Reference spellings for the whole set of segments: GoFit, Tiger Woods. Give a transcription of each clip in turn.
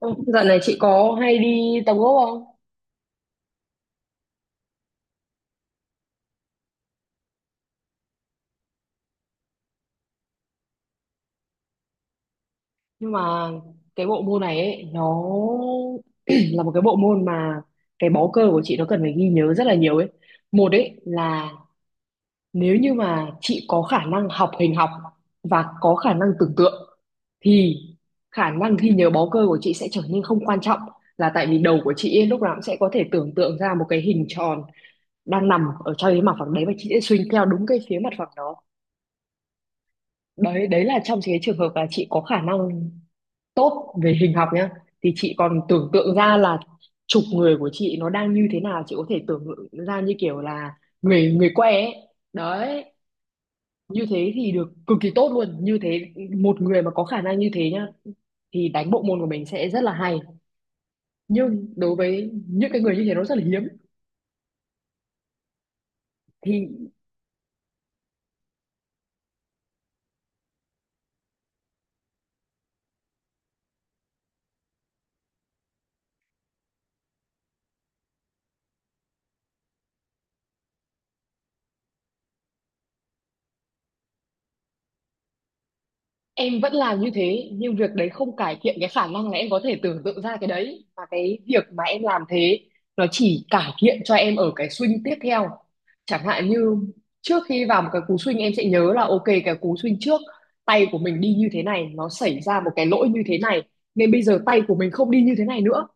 Ừ, Dạo này chị có hay đi tập gốc không? Nhưng mà cái bộ môn này ấy, nó là một cái bộ môn mà cái bó cơ của chị nó cần phải ghi nhớ rất là nhiều ấy. Một ấy là nếu như mà chị có khả năng học hình học và có khả năng tưởng tượng thì khả năng ghi nhớ bó cơ của chị sẽ trở nên không quan trọng, là tại vì đầu của chị ấy, lúc nào cũng sẽ có thể tưởng tượng ra một cái hình tròn đang nằm ở trong cái mặt phẳng đấy, và chị sẽ swing theo đúng cái phía mặt phẳng đó. Đấy. Đấy là trong cái trường hợp là chị có khả năng tốt về hình học nhá, thì chị còn tưởng tượng ra là chụp người của chị nó đang như thế nào, chị có thể tưởng tượng ra như kiểu là người người que ấy. Đấy, như thế thì được cực kỳ tốt luôn. Như thế một người mà có khả năng như thế nhá thì đánh bộ môn của mình sẽ rất là hay, nhưng đối với những cái người như thế nó rất là hiếm. Thì em vẫn làm như thế, nhưng việc đấy không cải thiện cái khả năng là em có thể tưởng tượng ra cái đấy, và cái việc mà em làm thế nó chỉ cải thiện cho em ở cái swing tiếp theo. Chẳng hạn như trước khi vào một cái cú swing em sẽ nhớ là ok cái cú swing trước tay của mình đi như thế này, nó xảy ra một cái lỗi như thế này, nên bây giờ tay của mình không đi như thế này nữa.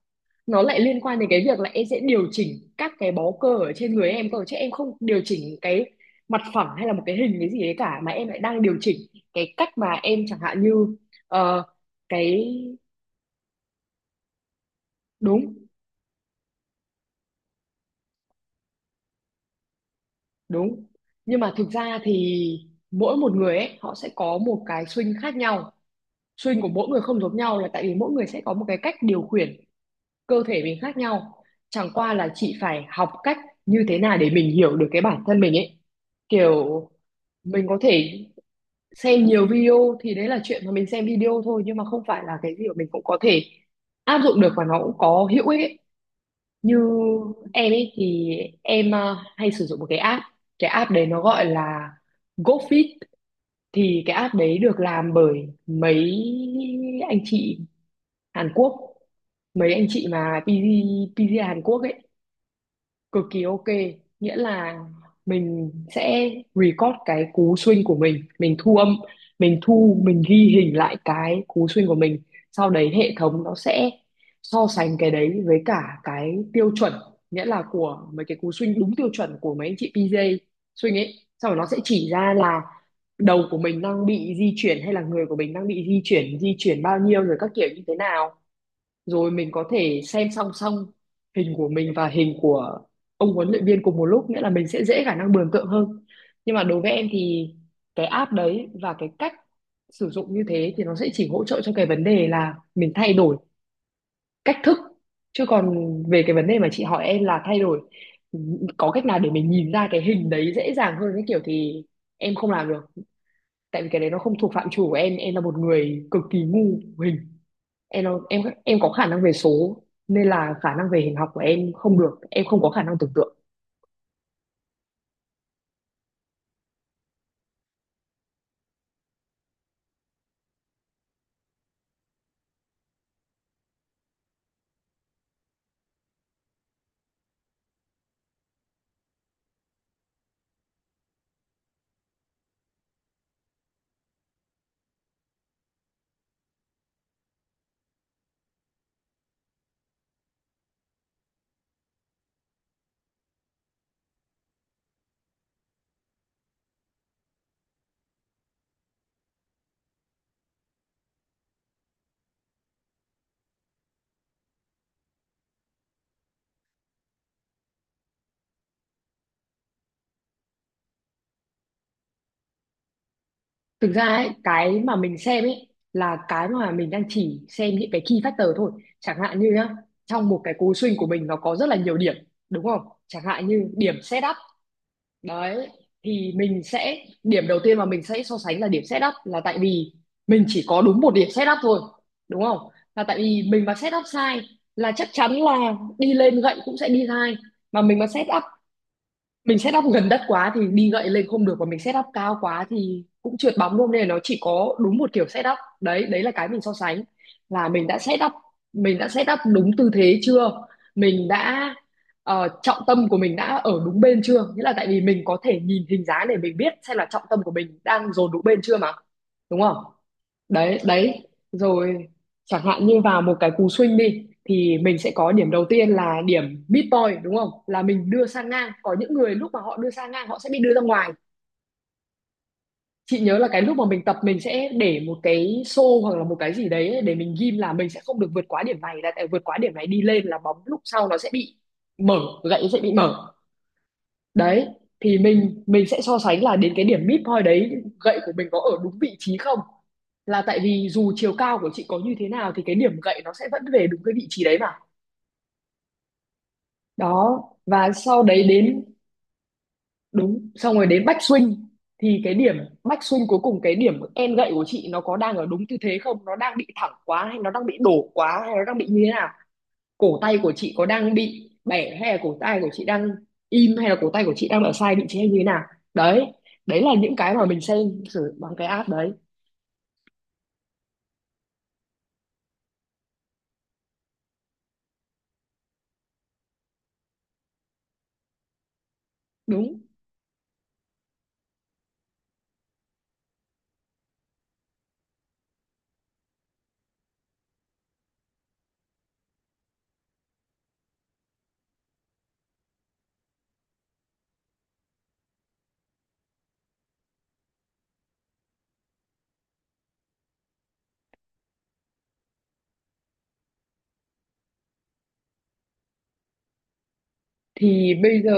Nó lại liên quan đến cái việc là em sẽ điều chỉnh các cái bó cơ ở trên người em cơ, chứ em không điều chỉnh cái mặt phẳng hay là một cái hình cái gì đấy cả, mà em lại đang điều chỉnh cái cách mà em, chẳng hạn như ờ, cái. Đúng. Đúng, nhưng mà thực ra thì mỗi một người ấy họ sẽ có một cái swing khác nhau, swing của mỗi người không giống nhau, là tại vì mỗi người sẽ có một cái cách điều khiển cơ thể mình khác nhau. Chẳng qua là chị phải học cách như thế nào để mình hiểu được cái bản thân mình ấy, kiểu mình có thể xem nhiều video thì đấy là chuyện mà mình xem video thôi, nhưng mà không phải là cái gì mà mình cũng có thể áp dụng được và nó cũng có hữu ích ấy. Như em ấy thì em hay sử dụng một cái app, cái app đấy nó gọi là GoFit. Thì cái app đấy được làm bởi mấy anh chị Hàn Quốc, mấy anh chị mà PG Hàn Quốc ấy, cực kỳ ok. Nghĩa là mình sẽ record cái cú swing của mình thu âm, mình ghi hình lại cái cú swing của mình, sau đấy hệ thống nó sẽ so sánh cái đấy với cả cái tiêu chuẩn, nghĩa là của mấy cái cú swing đúng tiêu chuẩn của mấy anh chị PJ swing ấy. Sau đó nó sẽ chỉ ra là đầu của mình đang bị di chuyển hay là người của mình đang bị di chuyển, di chuyển bao nhiêu rồi các kiểu như thế nào, rồi mình có thể xem song song hình của mình và hình của ông huấn luyện viên cùng một lúc, nghĩa là mình sẽ dễ khả năng mường tượng hơn. Nhưng mà đối với em thì cái app đấy và cái cách sử dụng như thế thì nó sẽ chỉ hỗ trợ cho cái vấn đề là mình thay đổi cách thức, chứ còn về cái vấn đề mà chị hỏi em là thay đổi, có cách nào để mình nhìn ra cái hình đấy dễ dàng hơn cái kiểu, thì em không làm được. Tại vì cái đấy nó không thuộc phạm trù của em là một người cực kỳ ngu hình. Em có khả năng về số, nên là khả năng về hình học của em không được, em không có khả năng tưởng tượng. Thực ra ấy, cái mà mình xem ấy là cái mà mình đang chỉ xem những cái key factor thôi. Chẳng hạn như nhá, trong một cái cú swing của mình nó có rất là nhiều điểm, đúng không? Chẳng hạn như điểm setup đấy, thì mình sẽ điểm đầu tiên mà mình sẽ so sánh là điểm setup, là tại vì mình chỉ có đúng một điểm setup thôi, đúng không? Là tại vì mình mà setup sai là chắc chắn là đi lên gậy cũng sẽ đi sai. Mà mình mà set up Mình set up gần đất quá thì đi gậy lên không được, và mình set up cao quá thì cũng trượt bóng luôn, nên là nó chỉ có đúng một kiểu set up đấy. Đấy là cái mình so sánh, là mình đã set up đúng tư thế chưa, mình đã trọng tâm của mình đã ở đúng bên chưa, nghĩa là tại vì mình có thể nhìn hình dáng để mình biết xem là trọng tâm của mình đang dồn đúng bên chưa mà, đúng không? Đấy. Đấy rồi. Chẳng hạn như vào một cái cú swing đi thì mình sẽ có điểm đầu tiên là điểm mid point, đúng không? Là mình đưa sang ngang, có những người lúc mà họ đưa sang ngang họ sẽ bị đưa ra ngoài. Chị nhớ là cái lúc mà mình tập mình sẽ để một cái xô hoặc là một cái gì đấy để mình ghim là mình sẽ không được vượt quá điểm này, là tại vượt quá điểm này đi lên là bóng lúc sau nó sẽ bị mở, gậy sẽ bị mở. Đấy. Thì mình sẽ so sánh là đến cái điểm mid point đấy gậy của mình có ở đúng vị trí không, là tại vì dù chiều cao của chị có như thế nào thì cái điểm gậy nó sẽ vẫn về đúng cái vị trí đấy mà. Đó, và sau đấy đến. Đúng, xong rồi đến back swing, thì cái điểm back swing cuối cùng cái điểm end gậy của chị nó có đang ở đúng tư thế không, nó đang bị thẳng quá hay nó đang bị đổ quá hay nó đang bị như thế nào, cổ tay của chị có đang bị bẻ hay là cổ tay của chị đang im hay là cổ tay của chị đang ở sai vị trí hay như thế nào. Đấy. Đấy là những cái mà mình xem thử bằng cái app đấy. Đúng. Thì bây giờ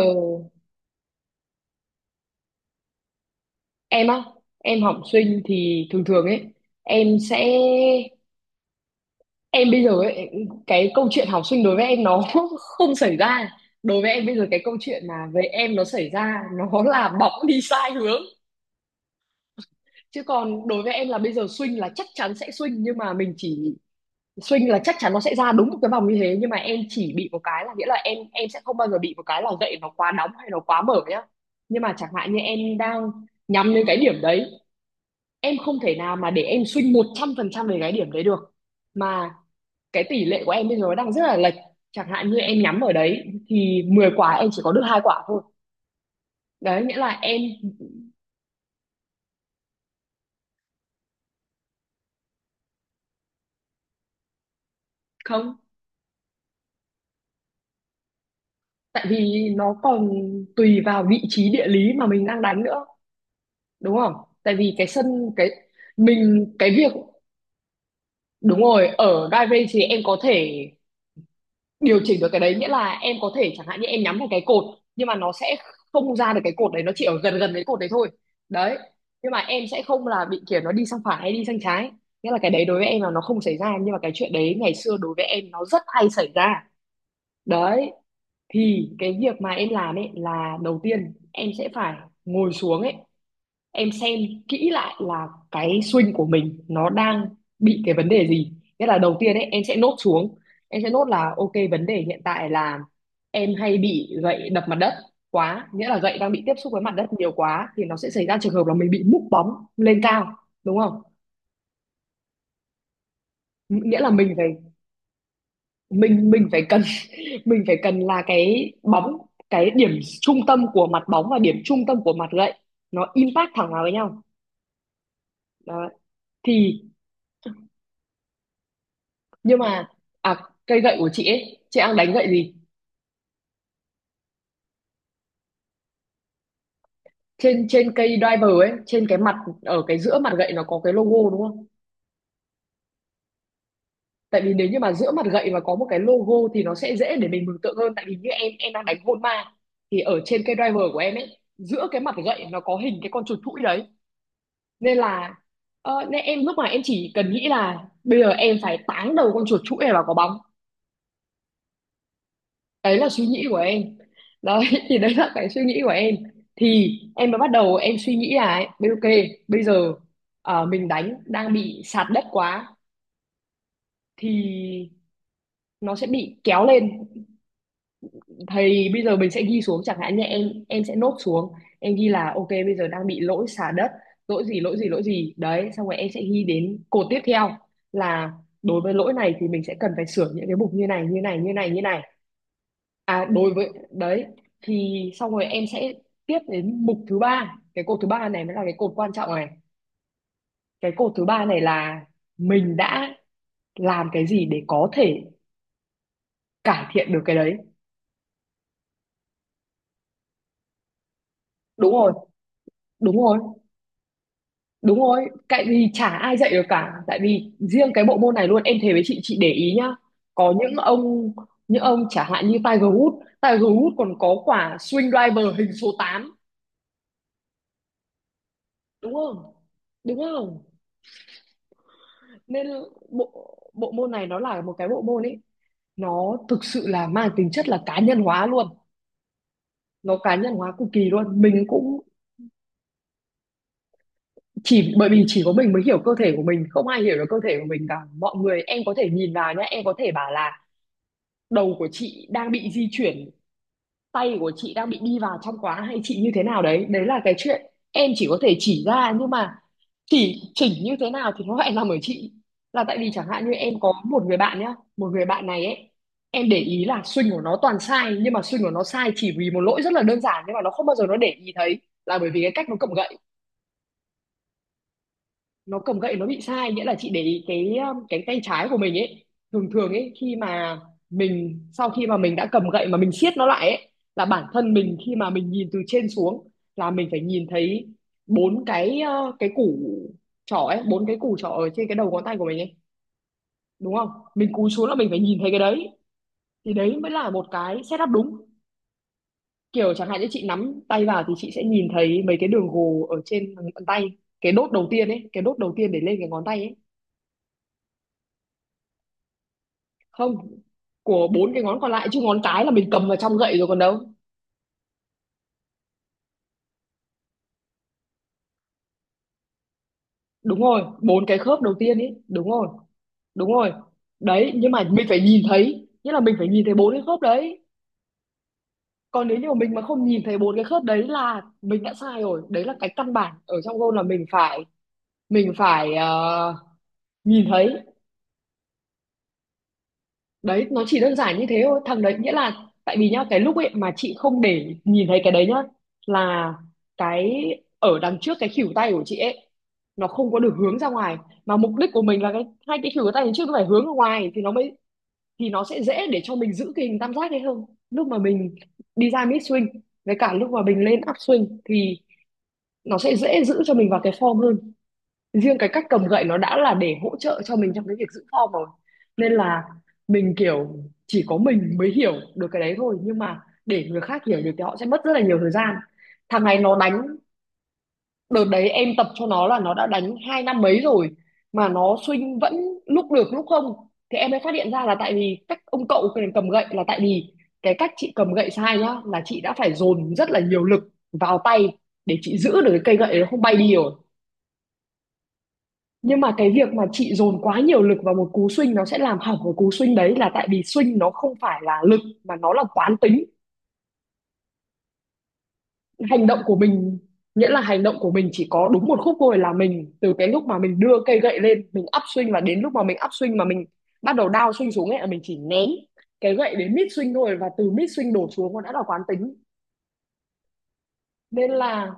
em á, em học sinh thì thường thường ấy, em sẽ em bây giờ ấy, cái câu chuyện học sinh đối với em nó không xảy ra. Đối với em bây giờ cái câu chuyện mà về em nó xảy ra nó là bóng đi sai hướng, chứ còn đối với em là bây giờ swing là chắc chắn sẽ swing, nhưng mà mình chỉ swing là chắc chắn nó sẽ ra đúng một cái vòng như thế, nhưng mà em chỉ bị một cái là, nghĩa là em sẽ không bao giờ bị một cái là gậy nó quá đóng hay nó quá mở nhá. Nhưng mà chẳng hạn như em đang nhắm đến cái điểm đấy, em không thể nào mà để em swing 100% về cái điểm đấy được. Mà cái tỷ lệ của em bây giờ nó đang rất là lệch, chẳng hạn như em nhắm ở đấy thì 10 quả em chỉ có được hai quả thôi. Đấy, nghĩa là em không. Tại vì nó còn tùy vào vị trí địa lý mà mình đang đánh nữa, đúng không? Tại vì cái sân, cái mình, cái việc. Đúng rồi, ở Drive Range thì em có thể điều chỉnh được cái đấy, nghĩa là em có thể chẳng hạn như em nhắm vào cái cột, nhưng mà nó sẽ không ra được cái cột đấy, nó chỉ ở gần gần cái cột đấy thôi. Đấy. Nhưng mà em sẽ không là bị kiểu nó đi sang phải hay đi sang trái. Nghĩa là cái đấy đối với em là nó không xảy ra, nhưng mà cái chuyện đấy ngày xưa đối với em nó rất hay xảy ra. Đấy. Thì cái việc mà em làm ấy là đầu tiên em sẽ phải ngồi xuống ấy em xem kỹ lại là cái swing của mình nó đang bị cái vấn đề gì, nghĩa là đầu tiên ấy em sẽ nốt xuống, em sẽ nốt là ok vấn đề hiện tại là em hay bị gậy đập mặt đất quá, nghĩa là gậy đang bị tiếp xúc với mặt đất nhiều quá thì nó sẽ xảy ra trường hợp là mình bị múc bóng lên cao, đúng không? Nghĩa là mình phải mình phải cần mình phải cần là cái bóng, cái điểm trung tâm của mặt bóng và điểm trung tâm của mặt gậy nó impact thẳng vào với nhau. Đó. Thì nhưng mà à, cây gậy của chị ấy chị đang đánh gậy gì? Trên trên cây driver ấy, trên cái mặt, ở cái giữa mặt gậy nó có cái logo đúng không, tại vì nếu như mà giữa mặt gậy mà có một cái logo thì nó sẽ dễ để mình mường tượng hơn, tại vì như em đang đánh hôn ma thì ở trên cây driver của em ấy giữa cái mặt gậy nó có hình cái con chuột thủi đấy, nên là ờ, nên em lúc mà em chỉ cần nghĩ là bây giờ em phải táng đầu con chuột thủi này vào quả bóng, đấy là suy nghĩ của em đấy. Thì đấy là cái suy nghĩ của em. Thì em mới bắt đầu em suy nghĩ là ấy, ok bây giờ ờ, mình đánh đang bị sạt đất quá thì nó sẽ bị kéo lên, thì bây giờ mình sẽ ghi xuống, chẳng hạn như em sẽ nốt xuống, em ghi là ok bây giờ đang bị lỗi sạt đất, lỗi gì lỗi gì lỗi gì đấy, xong rồi em sẽ ghi đến cột tiếp theo là đối với lỗi này thì mình sẽ cần phải sửa những cái mục như này như này như này như này. À đối với đấy thì xong rồi em sẽ tiếp đến mục thứ ba. Cái cột thứ ba này mới là cái cột quan trọng này. Cái cột thứ ba này là mình đã làm cái gì để có thể cải thiện được cái đấy. Đúng rồi, đúng rồi, đúng rồi. Tại vì chả ai dạy được cả. Tại vì riêng cái bộ môn này luôn, em thề với chị để ý nhá. Có những ông chẳng hạn như Tiger Woods, Tiger Woods còn có quả swing driver hình số 8 đúng không? Đúng không? Nên bộ bộ môn này nó là một cái bộ môn ấy, nó thực sự là mang tính chất là cá nhân hóa luôn, nó cá nhân hóa cực kỳ luôn. Mình cũng, chỉ bởi vì chỉ có mình mới hiểu cơ thể của mình, không ai hiểu được cơ thể của mình cả. Mọi người, em có thể nhìn vào nhá, em có thể bảo là đầu của chị đang bị di chuyển, tay của chị đang bị đi vào trong quá, hay chị như thế nào đấy, đấy là cái chuyện em chỉ có thể chỉ ra, nhưng mà chỉ chỉnh như thế nào thì nó lại nằm ở chị. Là tại vì chẳng hạn như em có một người bạn nhá, một người bạn này ấy, em để ý là swing của nó toàn sai, nhưng mà swing của nó sai chỉ vì một lỗi rất là đơn giản nhưng mà nó không bao giờ nó để ý thấy, là bởi vì cái cách nó cầm gậy, nó cầm gậy nó bị sai. Nghĩa là chị để ý cái tay trái của mình ấy, thường thường ấy khi mà mình, sau khi mà mình đã cầm gậy mà mình siết nó lại ấy, là bản thân mình khi mà mình nhìn từ trên xuống là mình phải nhìn thấy bốn cái củ trỏ ấy, bốn cái củ trỏ ở trên cái đầu ngón tay của mình ấy, đúng không, mình cúi xuống là mình phải nhìn thấy cái đấy, thì đấy mới là một cái setup đúng. Kiểu chẳng hạn như chị nắm tay vào thì chị sẽ nhìn thấy mấy cái đường gồ ở trên bàn tay, cái đốt đầu tiên ấy, cái đốt đầu tiên để lên cái ngón tay ấy. Không, của bốn cái ngón còn lại chứ, ngón cái là mình cầm vào trong gậy rồi còn đâu. Đúng rồi, bốn cái khớp đầu tiên ý, đúng rồi. Đúng rồi. Đấy, nhưng mà mình phải nhìn thấy, nghĩa là mình phải nhìn thấy bốn cái khớp đấy. Còn nếu như mà mình mà không nhìn thấy bốn cái khớp đấy là mình đã sai rồi. Đấy là cái căn bản ở trong gôn, là mình phải, mình phải ờ, nhìn thấy. Đấy, nó chỉ đơn giản như thế thôi. Thằng đấy, nghĩa là tại vì nhá, cái lúc ấy mà chị không để nhìn thấy cái đấy nhá, là cái ở đằng trước cái khỉu tay của chị ấy nó không có được hướng ra ngoài, mà mục đích của mình là cái hai cái khỉu tay đằng trước nó phải hướng ra ngoài thì nó mới, thì nó sẽ dễ để cho mình giữ cái hình tam giác ấy hơn, lúc mà mình đi ra mid swing với cả lúc mà mình lên up swing thì nó sẽ dễ giữ cho mình vào cái form hơn. Riêng cái cách cầm gậy nó đã là để hỗ trợ cho mình trong cái việc giữ form rồi. Nên là mình kiểu, chỉ có mình mới hiểu được cái đấy thôi, nhưng mà để người khác hiểu được thì họ sẽ mất rất là nhiều thời gian. Thằng này nó đánh, đợt đấy em tập cho nó là nó đã đánh 2 năm mấy rồi mà nó swing vẫn lúc được lúc không, thì em mới phát hiện ra là tại vì cách ông cậu cái này cầm gậy, là tại vì cái cách chị cầm gậy sai nhá, là chị đã phải dồn rất là nhiều lực vào tay để chị giữ được cái cây gậy nó không bay đi rồi, nhưng mà cái việc mà chị dồn quá nhiều lực vào một cú swing nó sẽ làm hỏng cái cú swing đấy, là tại vì swing nó không phải là lực mà nó là quán tính. Hành động của mình, nghĩa là hành động của mình chỉ có đúng một khúc thôi, là mình từ cái lúc mà mình đưa cây gậy lên mình up swing, và đến lúc mà mình up swing mà mình bắt đầu down swing xuống ấy, là mình chỉ ném cái gậy đến mid swing thôi, và từ mid swing đổ xuống nó đã là quán tính. Nên là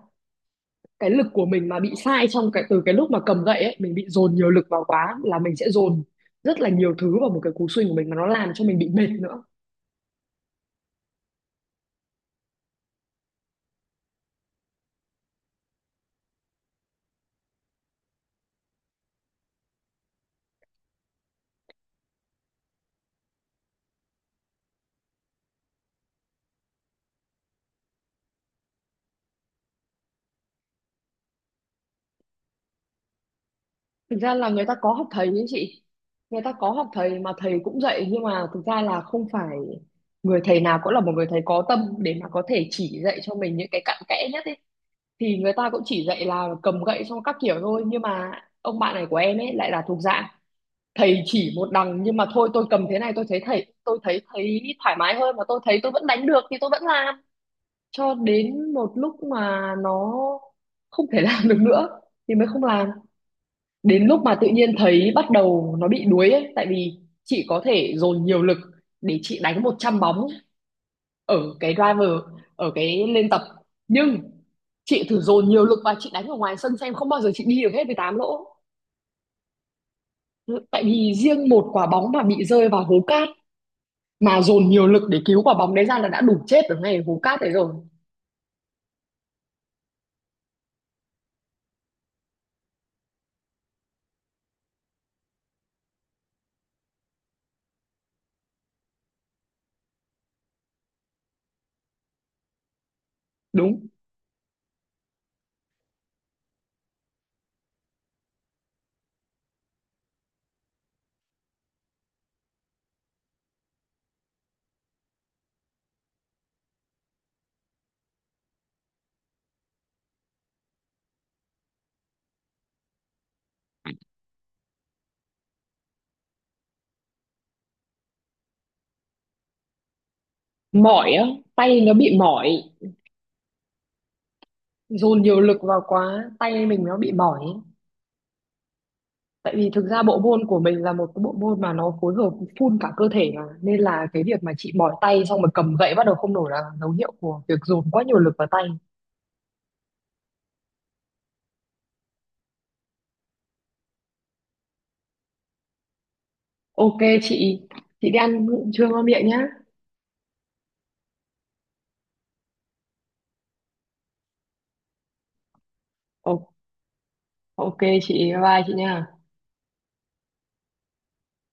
cái lực của mình mà bị sai trong cái từ cái lúc mà cầm gậy ấy, mình bị dồn nhiều lực vào quá là mình sẽ dồn rất là nhiều thứ vào một cái cú swing của mình mà nó làm cho mình bị mệt nữa. Thực ra là người ta có học thầy ấy chị, người ta có học thầy mà thầy cũng dạy, nhưng mà thực ra là không phải người thầy nào cũng là một người thầy có tâm để mà có thể chỉ dạy cho mình những cái cặn kẽ nhất ấy, thì người ta cũng chỉ dạy là cầm gậy xong các kiểu thôi, nhưng mà ông bạn này của em ấy lại là thuộc dạng thầy chỉ một đằng nhưng mà thôi tôi cầm thế này tôi thấy thầy, tôi thấy thấy thoải mái hơn mà tôi thấy tôi vẫn đánh được thì tôi vẫn làm, cho đến một lúc mà nó không thể làm được nữa thì mới không làm. Đến lúc mà tự nhiên thấy bắt đầu nó bị đuối ấy, tại vì chị có thể dồn nhiều lực để chị đánh 100 bóng ở cái driver, ở cái lên tập, nhưng chị thử dồn nhiều lực và chị đánh ở ngoài sân xem, không bao giờ chị đi được hết 18 lỗ, tại vì riêng một quả bóng mà bị rơi vào hố cao mà dồn nhiều lực để cứu quả bóng đấy ra là đã đủ chết ở ngay hố cát đấy rồi. Đúng. Mỏi á, tay nó bị mỏi, dồn nhiều lực vào quá tay mình nó bị mỏi, tại vì thực ra bộ môn của mình là một cái bộ môn mà nó phối hợp full cả cơ thể mà, nên là cái việc mà chị mỏi tay xong rồi cầm gậy bắt đầu không nổi là dấu hiệu của việc dồn quá nhiều lực vào tay. Ok chị đi ăn trưa ngon miệng nhá. Ồ, ok, chị bye bye chị nha.